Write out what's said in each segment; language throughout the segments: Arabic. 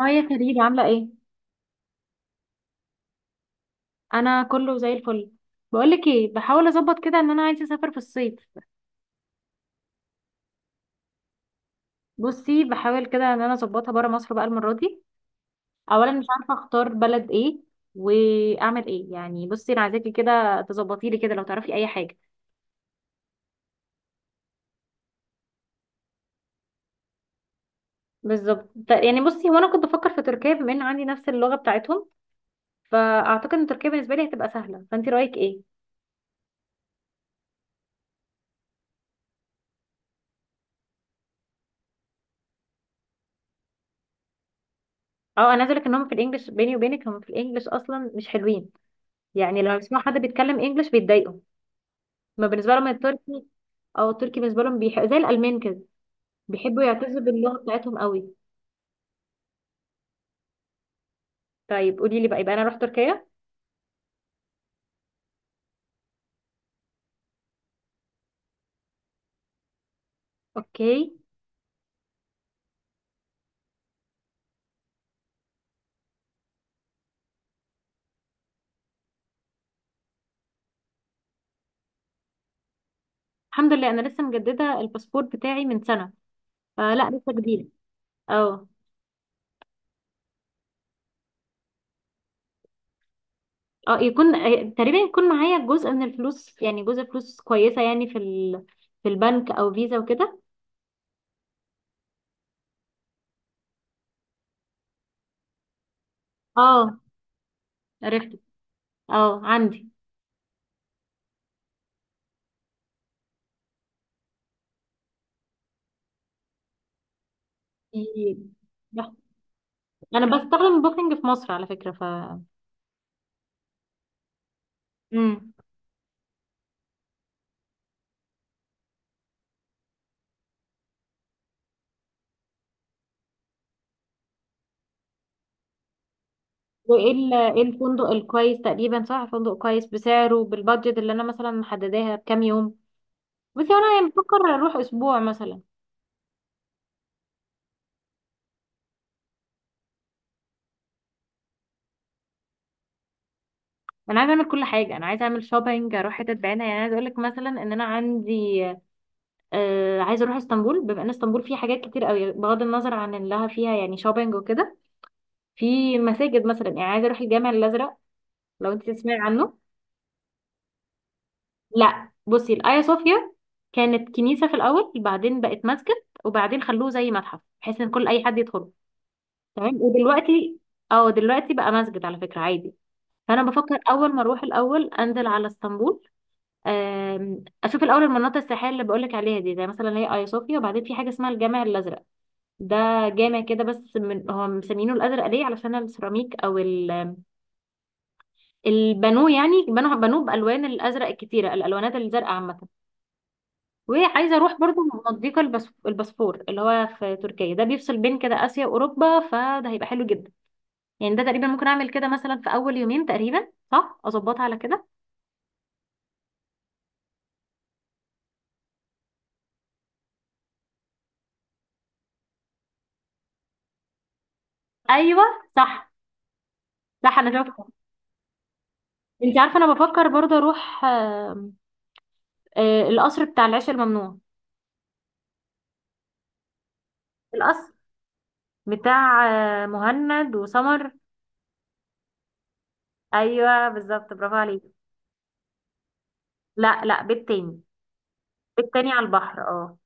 اه يا كريم، عاملة ايه؟ انا كله زي الفل. بقولك ايه، بحاول اظبط كده ان انا عايزة اسافر في الصيف. بصي بحاول كده ان انا اظبطها برا مصر بقى المرة دي. اولا مش عارفة اختار بلد ايه واعمل ايه. يعني بصي، انا عايزاكي كده تظبطي لي كده لو تعرفي اي حاجة. بالظبط. يعني بصي، هو انا كنت بفكر في تركيا بما ان عندي نفس اللغة بتاعتهم، فاعتقد ان تركيا بالنسبة لي هتبقى سهلة. فانت رأيك ايه؟ اه، انا عايزة اقولك ان هم في الانجليش، بيني وبينك هم في الانجليش اصلا مش حلوين. يعني لو بيسمعوا حد بيتكلم انجليش بيتضايقوا. ما بالنسبة لهم التركي. اه، التركي بالنسبه لهم زي الالمان كده. بيحبوا يعتزوا باللغه بتاعتهم قوي. طيب قولي لي بقى، يبقى انا اروح تركيا. اوكي. الحمد لله انا لسه مجدده الباسبور بتاعي من سنه. آه لا، لسه جديده. اه اه، يكون تقريبا يكون معايا جزء من الفلوس، يعني جزء فلوس كويسه، يعني في البنك او فيزا وكده. اه، عرفت. اه، عندي. في- انا بستخدم بوكينج في مصر على فكره مم. إيه الفندق الكويس تقريبا، صح، فندق كويس بسعره بالبادجت اللي انا مثلا محدداها بكام يوم. بس هو انا يعني بفكر اروح اسبوع مثلا. انا عايزه اعمل كل حاجه، انا عايزه اعمل شوبينج، اروح حتت بعيده. يعني عايزه اقول لك مثلا ان انا عندي، عايزه اروح اسطنبول. بما ان اسطنبول فيها حاجات كتير قوي بغض النظر عن انها فيها يعني شوبينج وكده، في مساجد مثلا. يعني عايزه اروح الجامع الازرق، لو انت تسمعي عنه. لا بصي، الايا صوفيا كانت كنيسه في الاول، بعدين بقت مسجد، وبعدين خلوه زي متحف بحيث ان كل اي حد يدخل. تمام. ودلوقتي اه دلوقتي بقى مسجد على فكرة، عادي. فانا بفكر اول ما اروح الاول انزل على اسطنبول. اشوف الاول المناطق السياحيه اللي بقولك عليها دي، زي مثلا اللي هي ايا صوفيا. وبعدين في حاجه اسمها الجامع الازرق. ده جامع كده، بس من هو مسمينه الازرق ليه؟ علشان السيراميك البانوه، يعني بنوه بانوه بالوان الازرق الكتيره، الالوانات الزرقاء عامه. وعايزه اروح برضو مضيق البسفور، اللي هو في تركيا ده بيفصل بين كده اسيا واوروبا، فده هيبقى حلو جدا. يعني ده تقريبا ممكن اعمل كده مثلا في اول يومين تقريبا، صح اظبطها على كده. ايوه. صح، صح، انا شفت. انت عارفه انا بفكر برضه اروح القصر بتاع العيش الممنوع. القصر بتاع مهند وسمر. ايوه بالظبط، برافو عليك. لا، لا، بيت تاني. بيت تاني على البحر، اه.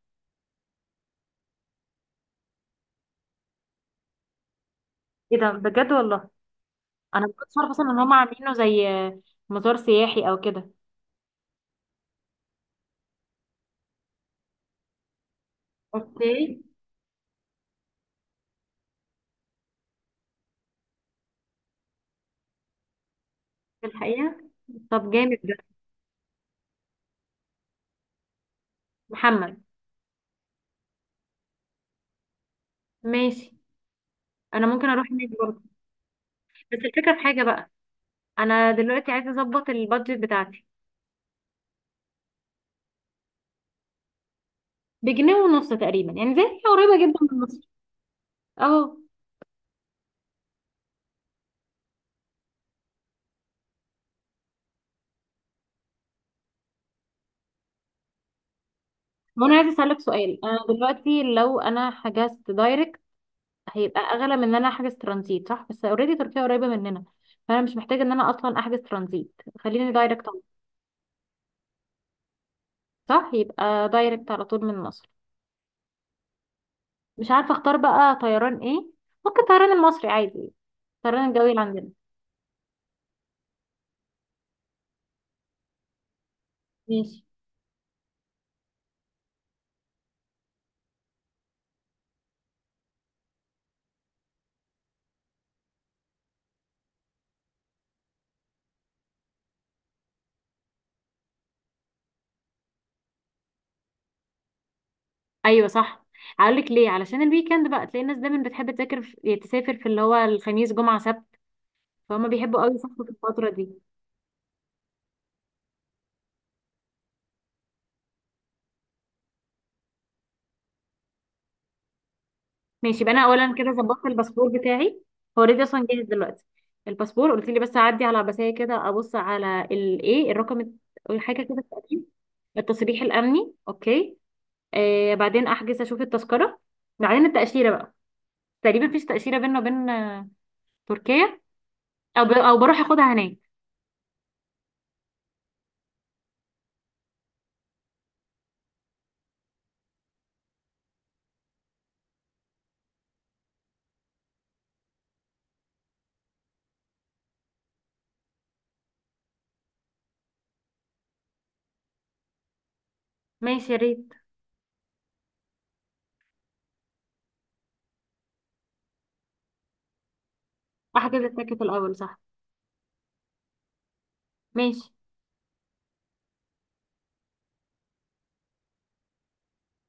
ايه ده، بجد والله. انا ما كنتش عارفه اصلا ان هم عاملينه زي مزار سياحي او كده. اوكي. في الحقيقه، طب جامد ده. محمد. ماشي، انا ممكن اروح هناك برضه. بس الفكره في حاجه بقى. انا دلوقتي عايزه اظبط البادجت بتاعتي. بجنيه ونص تقريبا، يعني زي هي قريبه جدا من مصر. اه. ما انا عايزه اسالك سؤال. انا دلوقتي لو انا حجزت دايركت، هيبقى اغلى من ان انا احجز ترانزيت؟ صح، بس اوريدي تركيا قريبه مننا، فانا مش محتاجه ان انا اصلا احجز ترانزيت، خليني دايركت على طول. صح، يبقى دايركت على طول من مصر. مش عارفه اختار بقى طيران ايه. ممكن طيران المصري عادي، الطيران الجوي اللي عندنا. ماشي. ايوه صح. هقول لك ليه، علشان الويكند بقى تلاقي الناس دايما بتحب تذاكر يعني تسافر في اللي هو الخميس جمعه سبت. فهم بيحبوا قوي يسافروا في الفتره دي. ماشي، يبقى انا اولا كده ظبطت الباسبور بتاعي. هو اوريدي اصلا جاهز دلوقتي. الباسبور قلت لي بس اعدي على عباسيه كده، ابص على الايه، الرقم حاجه كده، التأكيد. التصريح الامني، اوكي. بعدين احجز، اشوف التذكره. بعدين التاشيره بقى. تقريبا مفيش تاشيره بيننا وبين تركيا. او بروح اخدها هناك. ماشي، يا ريت. احجز التيكت الاول، صح. ماشي.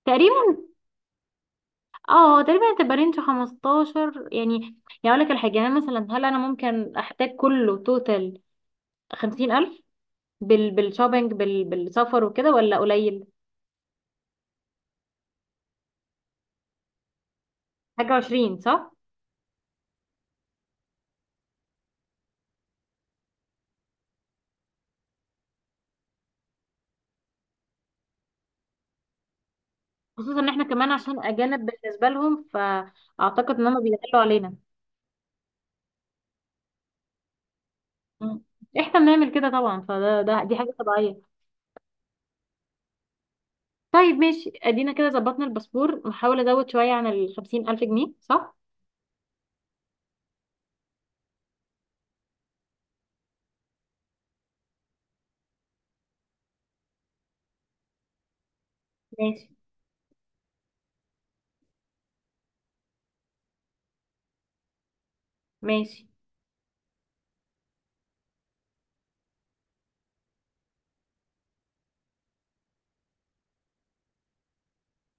تقريبا اه تقريبا هتبقى رينج 15 يعني. يعني اقول لك الحاجه، يعني مثلا هل انا ممكن احتاج كله توتال 50000 بالشوبينج بالسفر وكده ولا قليل؟ حاجه 20، صح. خصوصا ان احنا كمان عشان اجانب بالنسبه لهم، فاعتقد ان هم بيقلوا علينا. مم. احنا بنعمل كده طبعا، فده ده دي حاجه طبيعيه. طيب ماشي، ادينا كده ظبطنا الباسبور، نحاول ازود شويه عن ال 50000 جنيه، صح. ماشي، ماشي.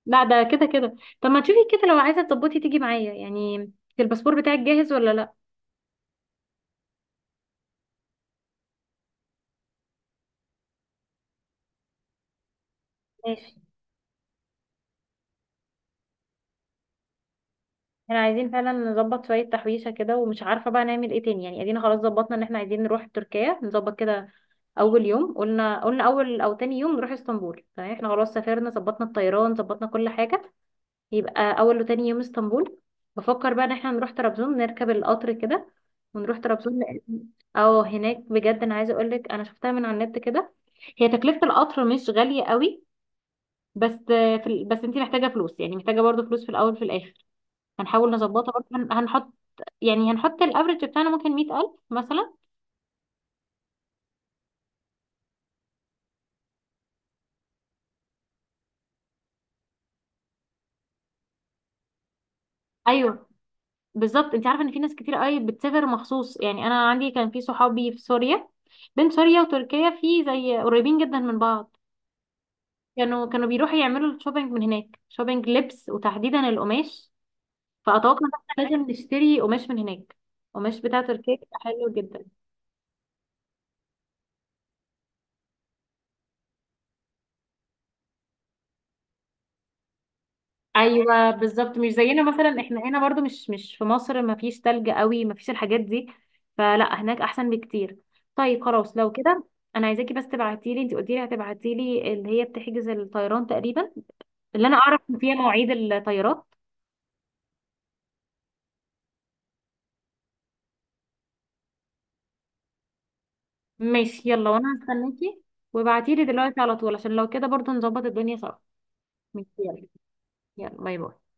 لا ده كده كده، طب ما تشوفي كده لو عايزه تظبطي تيجي معايا يعني. الباسبور بتاعك جاهز ولا لا؟ ماشي. احنا عايزين فعلا نظبط شويه تحويشه كده، ومش عارفه بقى نعمل ايه تاني. يعني ادينا خلاص ظبطنا ان احنا عايزين نروح تركيا، نظبط كده. اول يوم قلنا اول او تاني يوم نروح اسطنبول. تمام، احنا خلاص سافرنا، ظبطنا الطيران، ظبطنا كل حاجه. يبقى اول وتاني يوم اسطنبول. بفكر بقى ان احنا نروح طرابزون نركب القطر كده، ونروح طرابزون هناك بجد. انا عايزه اقول لك، انا شفتها من على النت كده. هي تكلفه القطر مش غاليه قوي. بس بس انت محتاجه فلوس، يعني محتاجه برضو فلوس في الاول في الاخر. هنحاول نظبطها برضو، هنحط، يعني هنحط الافرج بتاعنا ممكن 100000 مثلا. ايوه بالظبط. انت عارفه ان في ناس كتير قوي بتسافر مخصوص، يعني انا عندي كان في صحابي في سوريا. بين سوريا وتركيا في زي قريبين جدا من بعض. كانوا بيروحوا يعملوا الشوبينج من هناك، شوبينج لبس وتحديدا القماش. فأتوقع إن احنا لازم نشتري قماش من هناك. قماش بتاع تركيا بيبقى حلو جدا. ايوه بالظبط، مش زينا مثلا. احنا هنا برضو مش في مصر، ما فيش تلج قوي، ما فيش الحاجات دي. فلا، هناك احسن بكتير. طيب خلاص لو كده، انا عايزاكي بس تبعتي لي. انت قلتي لي هتبعتي لي اللي هي بتحجز الطيران تقريبا، اللي انا اعرف ان فيها مواعيد الطيارات. ماشي يلا، وانا هستناكي. وابعتي لي دلوقتي على طول، عشان لو كده برضو نظبط الدنيا سوا. ماشي، يلا. يلا، باي باي.